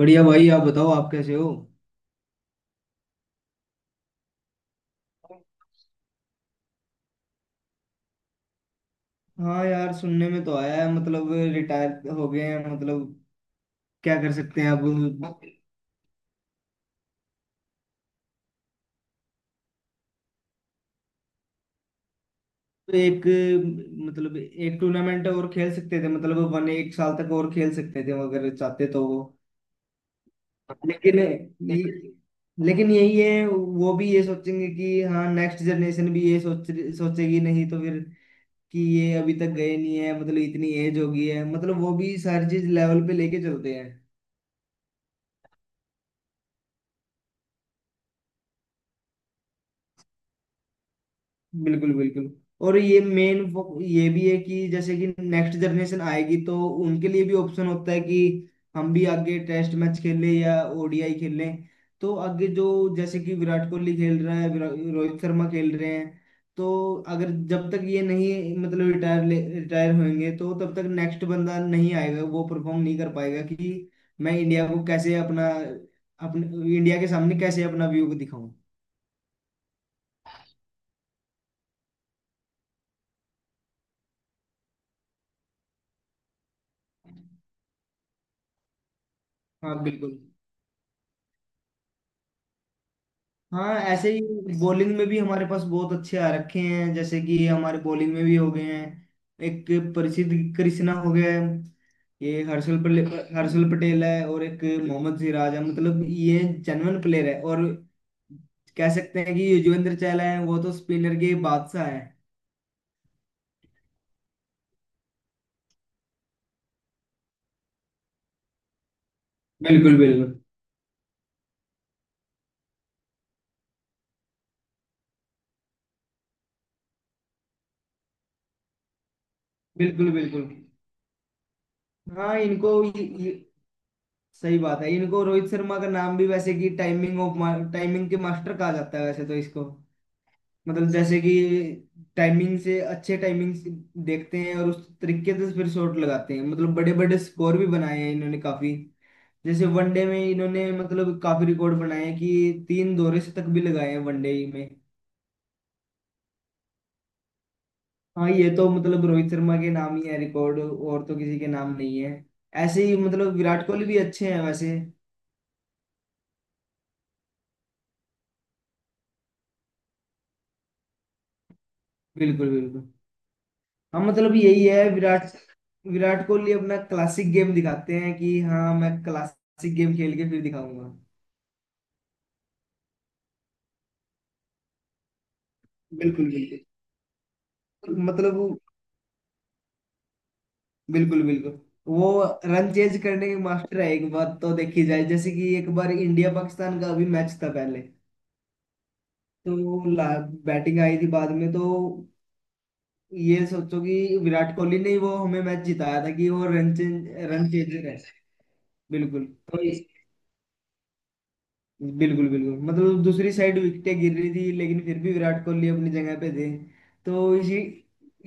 बढ़िया भाई। आप बताओ, आप कैसे हो। हाँ यार, सुनने में तो आया है, मतलब रिटायर हो गए हैं, मतलब क्या कर सकते हैं अब। एक एक टूर्नामेंट और खेल सकते थे, मतलब वन एक साल तक और खेल सकते थे अगर चाहते तो वो। लेकिन ये- लेकिन यही है, वो भी ये सोचेंगे कि हाँ नेक्स्ट जनरेशन भी ये सोच सोचेगी, नहीं तो फिर कि ये अभी तक गए नहीं है, मतलब इतनी एज हो गई है, मतलब वो भी सारी चीज लेवल पे लेके चलते। बिल्कुल बिल्कुल। और ये भी है कि जैसे कि नेक्स्ट जनरेशन आएगी तो उनके लिए भी ऑप्शन होता है कि हम भी आगे टेस्ट मैच खेलें या ODI खेलें। तो आगे जो जैसे कि विराट कोहली खेल रहा है, रोहित शर्मा खेल रहे हैं, तो अगर जब तक ये नहीं मतलब रिटायर रिटायर होंगे तो तब तक नेक्स्ट बंदा नहीं आएगा, वो परफॉर्म नहीं कर पाएगा कि मैं इंडिया को कैसे अपना अपने इंडिया के सामने कैसे अपना व्यू दिखाऊं। हाँ बिल्कुल। हाँ ऐसे ही बॉलिंग में भी हमारे पास बहुत अच्छे आ रखे हैं, जैसे कि हमारे बॉलिंग में भी हो गए हैं एक प्रसिद्ध कृष्णा हो गया है। ये हर्षल पटेल है, और एक मोहम्मद सिराज है, मतलब ये जेन्युइन प्लेयर है। और कह सकते हैं कि युजवेंद्र चहल है, वो तो स्पिनर के बादशाह है। बिल्कुल बिल्कुल। बिल्कुल बिल्कुल। हाँ इनको ये, सही बात है, इनको रोहित शर्मा का नाम भी वैसे कि टाइमिंग के मास्टर कहा जाता है वैसे तो इसको। मतलब जैसे कि टाइमिंग से अच्छे टाइमिंग से देखते हैं और उस तरीके से फिर शॉट लगाते हैं, मतलब बड़े बड़े स्कोर भी बनाए हैं इन्होंने काफी। जैसे वनडे में इन्होंने मतलब काफी रिकॉर्ड बनाए हैं कि तीन दोहरे शतक भी लगाए हैं वनडे में। हाँ, ये तो मतलब रोहित शर्मा के नाम ही है रिकॉर्ड, और तो किसी के नाम नहीं है। ऐसे ही मतलब विराट कोहली भी अच्छे हैं वैसे। बिल्कुल बिल्कुल। हाँ मतलब यही है, विराट विराट कोहली अपना क्लासिक गेम दिखाते हैं कि हाँ मैं क्लासिक गेम खेल के फिर दिखाऊंगा। बिल्कुल बिल्कुल। मतलब वो बिल्कुल बिल्कुल। वो रन चेज करने के मास्टर है, एक बात तो देखी जाए, जैसे कि एक बार इंडिया पाकिस्तान का अभी मैच था पहले, तो बैटिंग आई थी बाद में, तो ये सोचो कि विराट कोहली ने ही वो हमें मैच जिताया था कि वो रन चेजर है। बिल्कुल। तो इस- बिल्कुल बिल्कुल, मतलब दूसरी साइड विकेटें गिर रही थी लेकिन फिर भी विराट कोहली अपनी जगह पे थे। तो इसी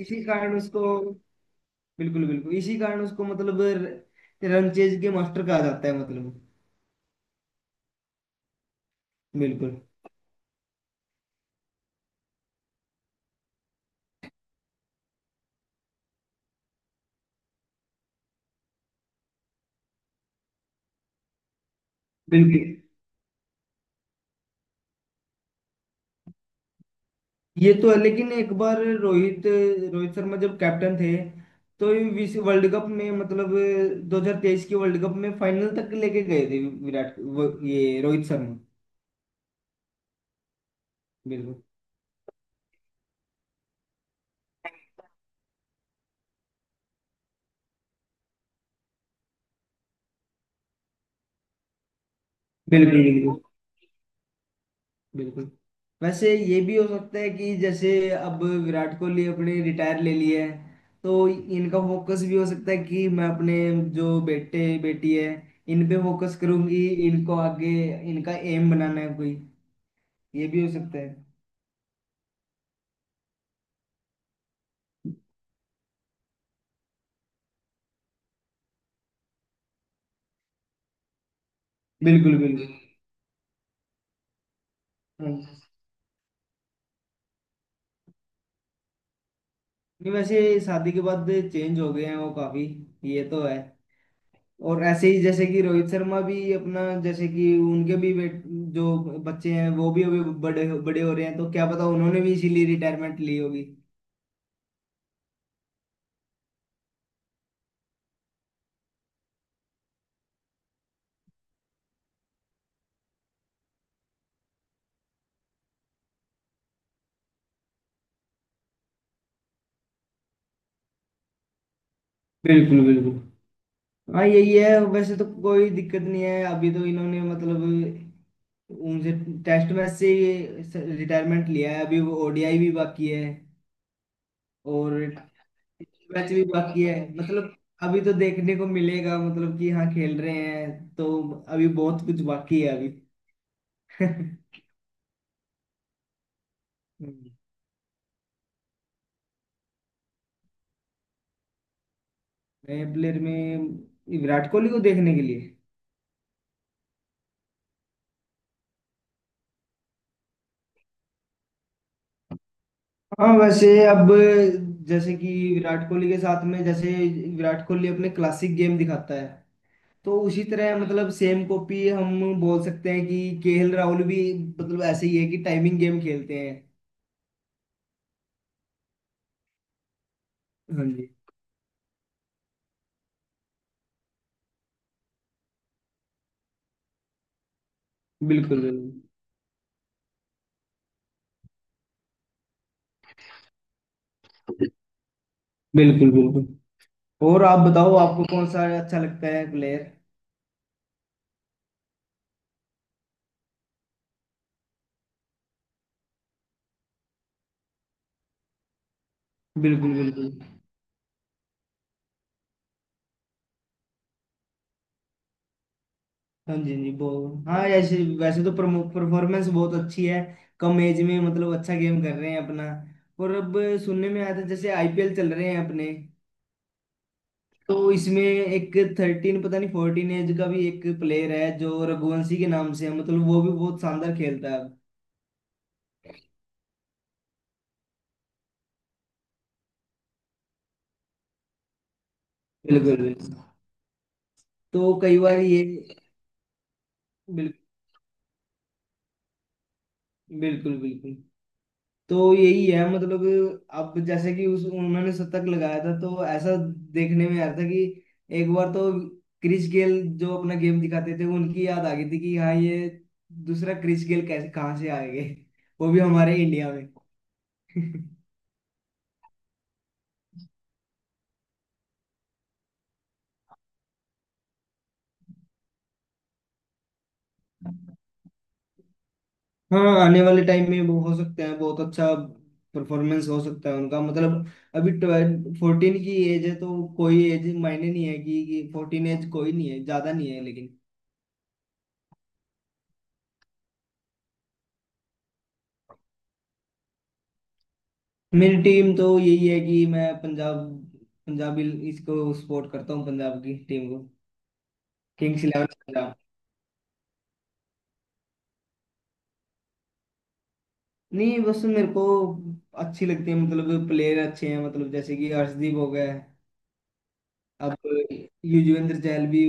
इसी कारण उसको, बिल्कुल बिल्कुल, इसी कारण उसको मतलब रनचेज के मास्टर कहा जाता है मतलब। बिल्कुल बिल्कुल। ये तो है, लेकिन एक बार रोहित रोहित शर्मा जब कैप्टन थे तो ये विश्व वर्ल्ड कप में मतलब 2023 की वर्ल्ड कप में फाइनल तक लेके गए थे, ये रोहित शर्मा। बिल्कुल बिल्कुल। बिल्कुल बिल्कुल। वैसे ये भी हो सकता है कि जैसे अब विराट कोहली अपने रिटायर ले लिए हैं, तो इनका फोकस भी हो सकता है कि मैं अपने जो बेटे बेटी है, इन पे फोकस करूंगी, इनको आगे इनका एम बनाना है कोई। ये भी हो सकता है। बिल्कुल बिल्कुल। हाँ। नहीं, वैसे शादी के बाद चेंज हो गए हैं वो काफी। ये तो है। और ऐसे ही जैसे कि रोहित शर्मा भी अपना, जैसे कि उनके भी जो बच्चे हैं वो भी अभी बड़े बड़े हो रहे हैं, तो क्या पता उन्होंने भी इसीलिए रिटायरमेंट ली होगी। बिल्कुल बिल्कुल। हाँ यही है, वैसे तो कोई दिक्कत नहीं है, अभी तो इन्होंने मतलब उनसे टेस्ट मैच से रिटायरमेंट लिया है, अभी वो ODI भी बाकी है और मैच भी बाकी है, मतलब अभी तो देखने को मिलेगा मतलब कि हाँ खेल रहे हैं, तो अभी बहुत कुछ बाकी है अभी। नए प्लेयर में विराट कोहली को देखने के लिए। हाँ वैसे अब जैसे कि विराट कोहली के साथ में जैसे विराट कोहली अपने क्लासिक गेम दिखाता है, तो उसी तरह मतलब सेम कॉपी हम बोल सकते हैं कि KL राहुल भी मतलब ऐसे ही है कि टाइमिंग गेम खेलते हैं। हाँ जी। बिल्कुल बिल्कुल। बिल्कुल बिल्कुल। और आप बताओ, आपको कौन सा अच्छा लगता है प्लेयर। बिल्कुल बिल्कुल। हाँ जी, हाँ जी बहुत। हाँ ऐसे, वैसे तो परफॉर्मेंस बहुत अच्छी है, कम एज में मतलब अच्छा गेम कर रहे हैं अपना। और अब सुनने में आया था जैसे IPL चल रहे हैं अपने, तो इसमें एक 13 पता नहीं 14 एज का भी एक प्लेयर है, जो रघुवंशी के नाम से है, मतलब वो भी बहुत शानदार खेलता है। बिल्कुल बिल्कुल। तो कई बार ये बिल, बिल्कुल बिल्कुल। तो यही है मतलब अब जैसे कि उस उन्होंने शतक लगाया था तो ऐसा देखने में आया था कि एक बार तो क्रिस गेल जो अपना गेम दिखाते थे उनकी याद आ गई थी कि हाँ ये दूसरा क्रिस गेल कैसे कहाँ से आ गए, वो भी हमारे इंडिया में। हाँ आने वाले टाइम में वो हो सकते हैं बहुत अच्छा, परफॉर्मेंस हो सकता है उनका, मतलब अभी 12 14 की एज है तो कोई एज मायने नहीं है कि 14 एज कोई नहीं है, ज्यादा नहीं है लेकिन। मेरी टीम तो यही है कि मैं पंजाब पंजाबी इसको सपोर्ट करता हूँ, पंजाब की टीम को, किंग्स इलेवन पंजाब। नहीं बस मेरे को अच्छी लगती है, मतलब प्लेयर अच्छे हैं, मतलब जैसे कि अर्शदीप हो गया है, अब युजवेंद्र चहल भी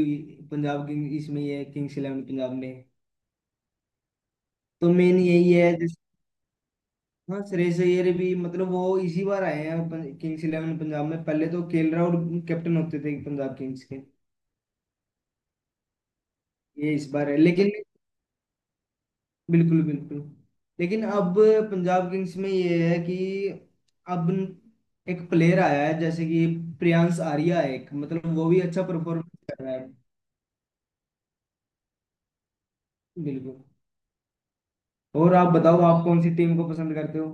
पंजाब किंग इसमें ही है, किंग्स इलेवन पंजाब में, तो मेन यही है जैसे। हाँ श्रेयस अय्यर भी, मतलब वो इसी बार आए हैं किंग्स इलेवन पंजाब में, पहले तो KL राहुल कैप्टन होते थे पंजाब किंग्स के। ये इस बार है लेकिन, बिल्कुल बिल्कुल। लेकिन अब पंजाब किंग्स में ये है कि अब एक प्लेयर आया है जैसे कि प्रियांश आर्या है एक, मतलब वो भी अच्छा परफॉर्मेंस कर रहा है। बिल्कुल। और आप बताओ आप कौन सी टीम को पसंद करते हो।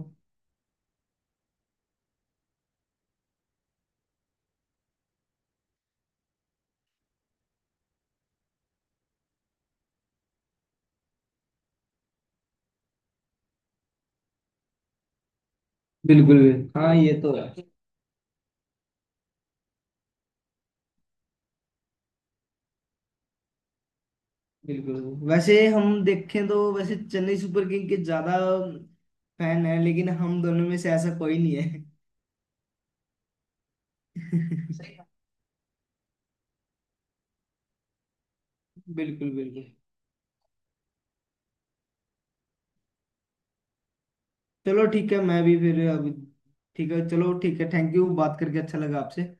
बिल्कुल, हाँ ये तो है। बिल्कुल, वैसे हम देखें तो वैसे चेन्नई सुपर किंग के ज्यादा फैन है, लेकिन हम दोनों में से ऐसा कोई नहीं है। सही बात। बिल्कुल बिल्कुल। चलो ठीक है, मैं भी फिर अभी ठीक है, चलो ठीक है, थैंक यू, बात करके अच्छा लगा आपसे।